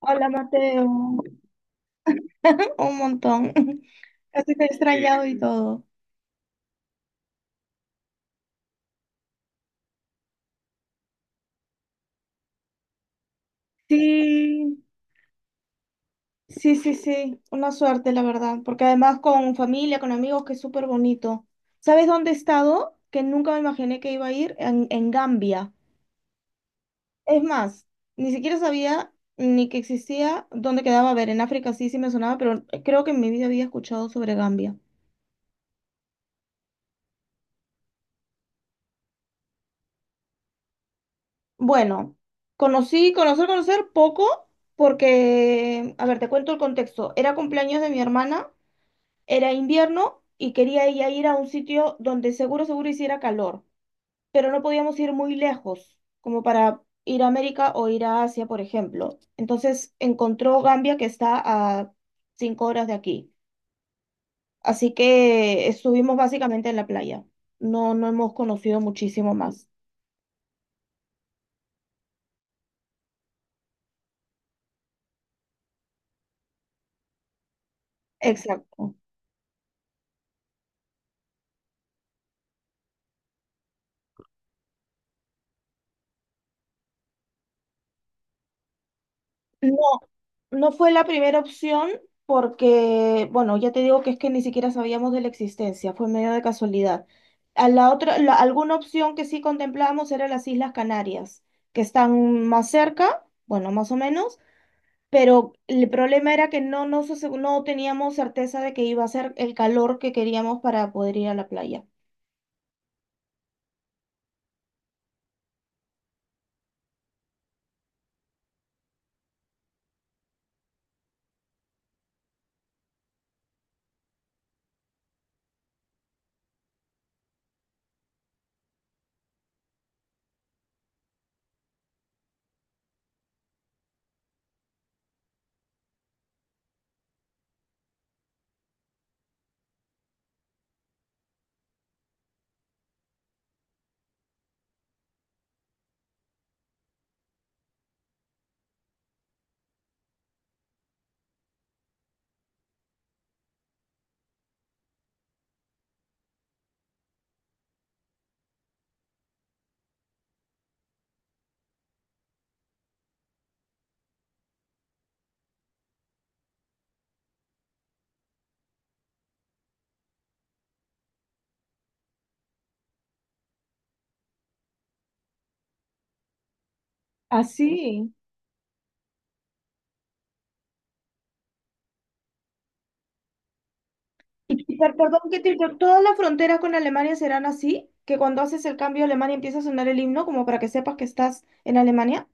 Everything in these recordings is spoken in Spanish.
Hola Mateo, un montón. Así te he extrañado y todo. Sí, sí, sí, sí, una suerte, la verdad, porque además con familia, con amigos, que es súper bonito. ¿Sabes dónde he estado? Que nunca me imaginé que iba a ir en Gambia. Es más, ni siquiera sabía ni que existía dónde quedaba. A ver, en África sí, sí me sonaba, pero creo que en mi vida había escuchado sobre Gambia. Bueno, conocer poco, porque, a ver, te cuento el contexto. Era cumpleaños de mi hermana, era invierno y quería ella ir a un sitio donde seguro, seguro hiciera calor, pero no podíamos ir muy lejos, como para ir a América o ir a Asia, por ejemplo. Entonces encontró Gambia, que está a 5 horas de aquí. Así que estuvimos básicamente en la playa. No, no hemos conocido muchísimo más. Exacto. No, no fue la primera opción porque, bueno, ya te digo que es que ni siquiera sabíamos de la existencia, fue medio de casualidad. A la otra, alguna opción que sí contemplábamos era las Islas Canarias, que están más cerca, bueno, más o menos, pero el problema era que no teníamos certeza de que iba a ser el calor que queríamos para poder ir a la playa. Así. Perdón que todas las fronteras con Alemania serán así, que cuando haces el cambio a Alemania empieza a sonar el himno como para que sepas que estás en Alemania.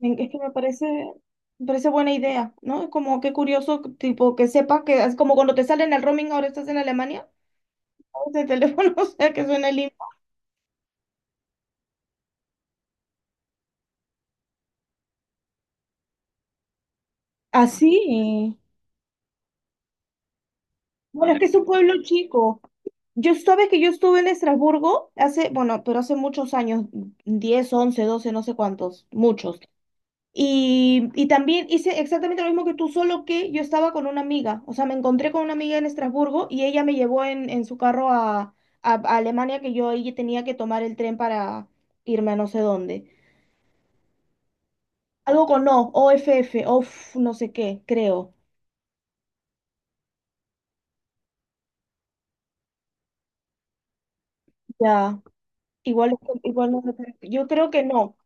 Es que me parece buena idea, ¿no? Es como qué curioso, tipo, que sepas que es como cuando te sale en el roaming, ahora estás en Alemania, de teléfono, o sea, que suena el himno. Así. Bueno, es que es un pueblo chico. Yo sabes que yo estuve en Estrasburgo hace, bueno, pero hace muchos años, 10 11 12 no sé cuántos, muchos. Y también hice exactamente lo mismo que tú, solo que yo estaba con una amiga. O sea, me encontré con una amiga en Estrasburgo y ella me llevó en su carro a Alemania, que yo ahí tenía que tomar el tren para irme a no sé dónde. Algo con O F OFF, OFF, no sé qué, creo. Ya, igual, igual no sé, pero yo creo que no.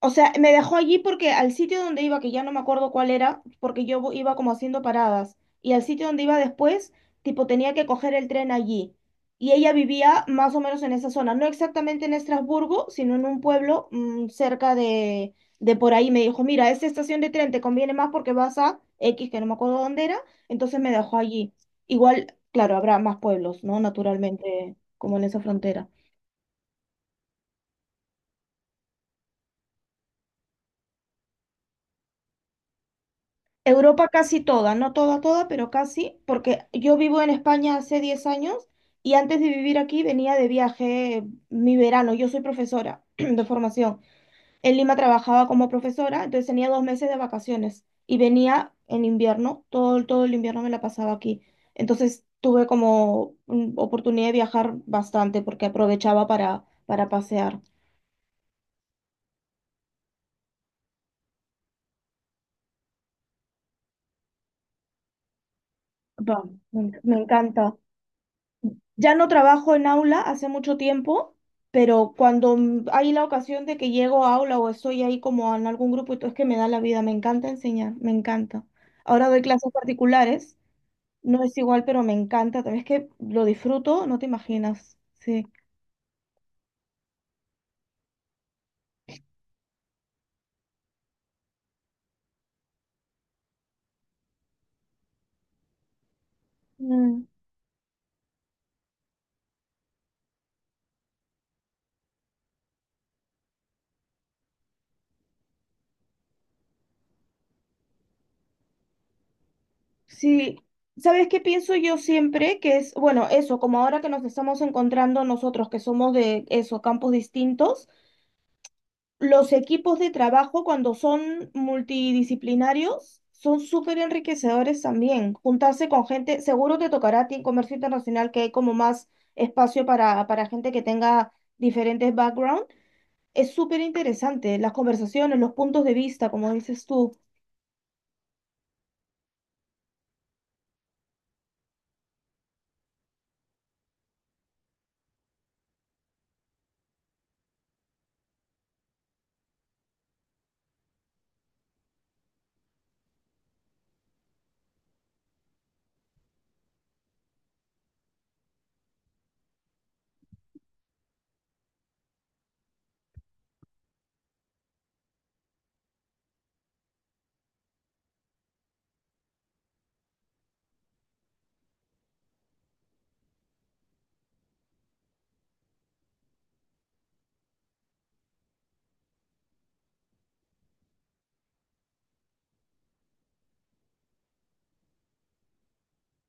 O sea, me dejó allí porque al sitio donde iba, que ya no me acuerdo cuál era, porque yo iba como haciendo paradas, y al sitio donde iba después, tipo, tenía que coger el tren allí. Y ella vivía más o menos en esa zona, no exactamente en Estrasburgo, sino en un pueblo cerca de por ahí. Me dijo, mira, esta estación de tren te conviene más porque vas a X, que no me acuerdo dónde era, entonces me dejó allí. Igual, claro, habrá más pueblos, ¿no? Naturalmente, como en esa frontera. Europa casi toda, no toda, toda, pero casi, porque yo vivo en España hace 10 años y antes de vivir aquí venía de viaje mi verano. Yo soy profesora de formación. En Lima trabajaba como profesora, entonces tenía 2 meses de vacaciones y venía en invierno, todo, todo el invierno me la pasaba aquí. Entonces tuve como oportunidad de viajar bastante porque aprovechaba para pasear. Va, me encanta. Ya no trabajo en aula hace mucho tiempo, pero cuando hay la ocasión de que llego a aula o estoy ahí como en algún grupo, y todo es que me da la vida, me encanta enseñar, me encanta. Ahora doy clases particulares, no es igual, pero me encanta, también es que lo disfruto, no te imaginas. Sí. Mm, sí, ¿sabes qué pienso yo siempre? Que es, bueno, eso, como ahora que nos estamos encontrando nosotros, que somos de eso, campos distintos. Los equipos de trabajo, cuando son multidisciplinarios, son súper enriquecedores también. Juntarse con gente, seguro te tocará a ti en comercio internacional, que hay como más espacio para gente que tenga diferentes backgrounds. Es súper interesante, las conversaciones, los puntos de vista, como dices tú,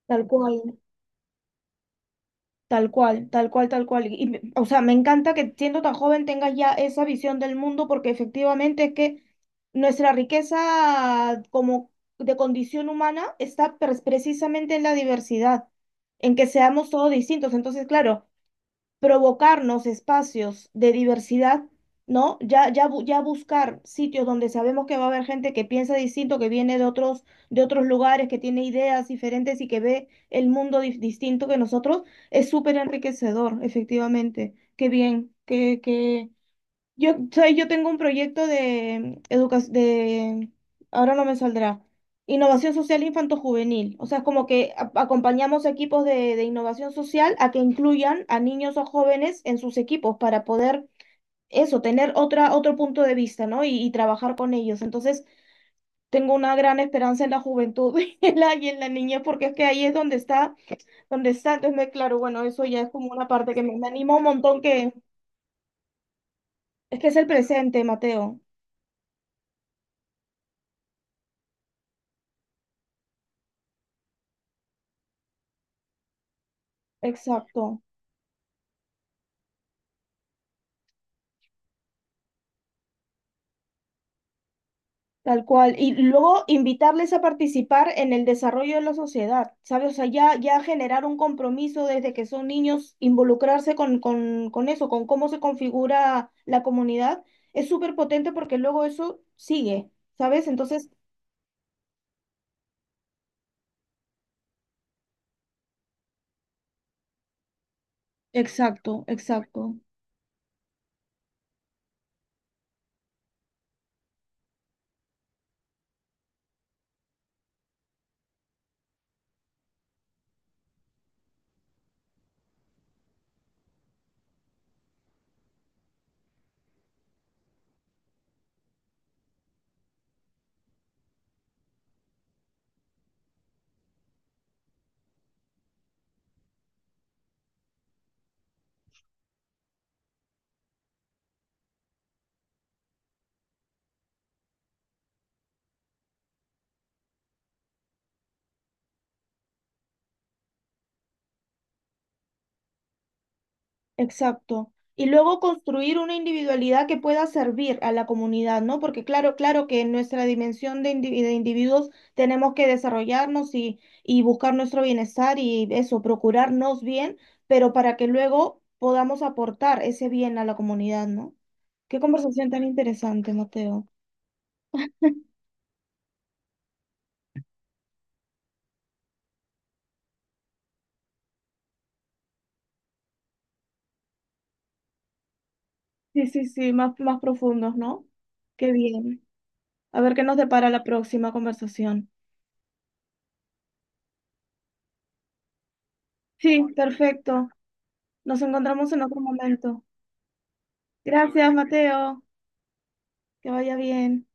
tal cual. Tal cual, tal cual, tal cual. Y, me- o sea, me encanta que siendo tan joven tengas ya esa visión del mundo porque efectivamente es que nuestra riqueza como de condición humana está precisamente en la diversidad, en que seamos todos distintos. Entonces, claro, provocarnos espacios de diversidad, ¿no? Ya, ya, ya buscar sitios donde sabemos que va a haber gente que piensa distinto, que viene de otros lugares, que tiene ideas diferentes y que ve el mundo distinto que nosotros, es súper enriquecedor, efectivamente. Qué bien, yo, ¿sabes? Yo tengo un proyecto de educación, ahora no me saldrá, innovación social infanto-juvenil. O sea, es como que acompañamos equipos de innovación social a que incluyan a niños o jóvenes en sus equipos para poder eso, tener otro punto de vista, ¿no? Y trabajar con ellos. Entonces, tengo una gran esperanza en la juventud y en la niñez, porque es que ahí es donde está, donde está. Entonces, me, claro, bueno, eso ya es como una parte que me anima un montón que es el presente, Mateo. Exacto. Tal cual. Y luego invitarles a participar en el desarrollo de la sociedad, ¿sabes? O sea, ya, ya generar un compromiso desde que son niños, involucrarse con eso, con cómo se configura la comunidad, es súper potente porque luego eso sigue, ¿sabes? Entonces, exacto, exacto. Exacto. Y luego construir una individualidad que pueda servir a la comunidad, ¿no? Porque claro, claro que en nuestra dimensión de, de individuos tenemos que desarrollarnos y buscar nuestro bienestar y eso, procurarnos bien, pero para que luego podamos aportar ese bien a la comunidad, ¿no? Qué conversación tan interesante, Mateo. Sí, sí, sí, más, más profundos, ¿no? Qué bien. A ver qué nos depara la próxima conversación. Sí, perfecto. Nos encontramos en otro momento. Gracias, Mateo. Que vaya bien.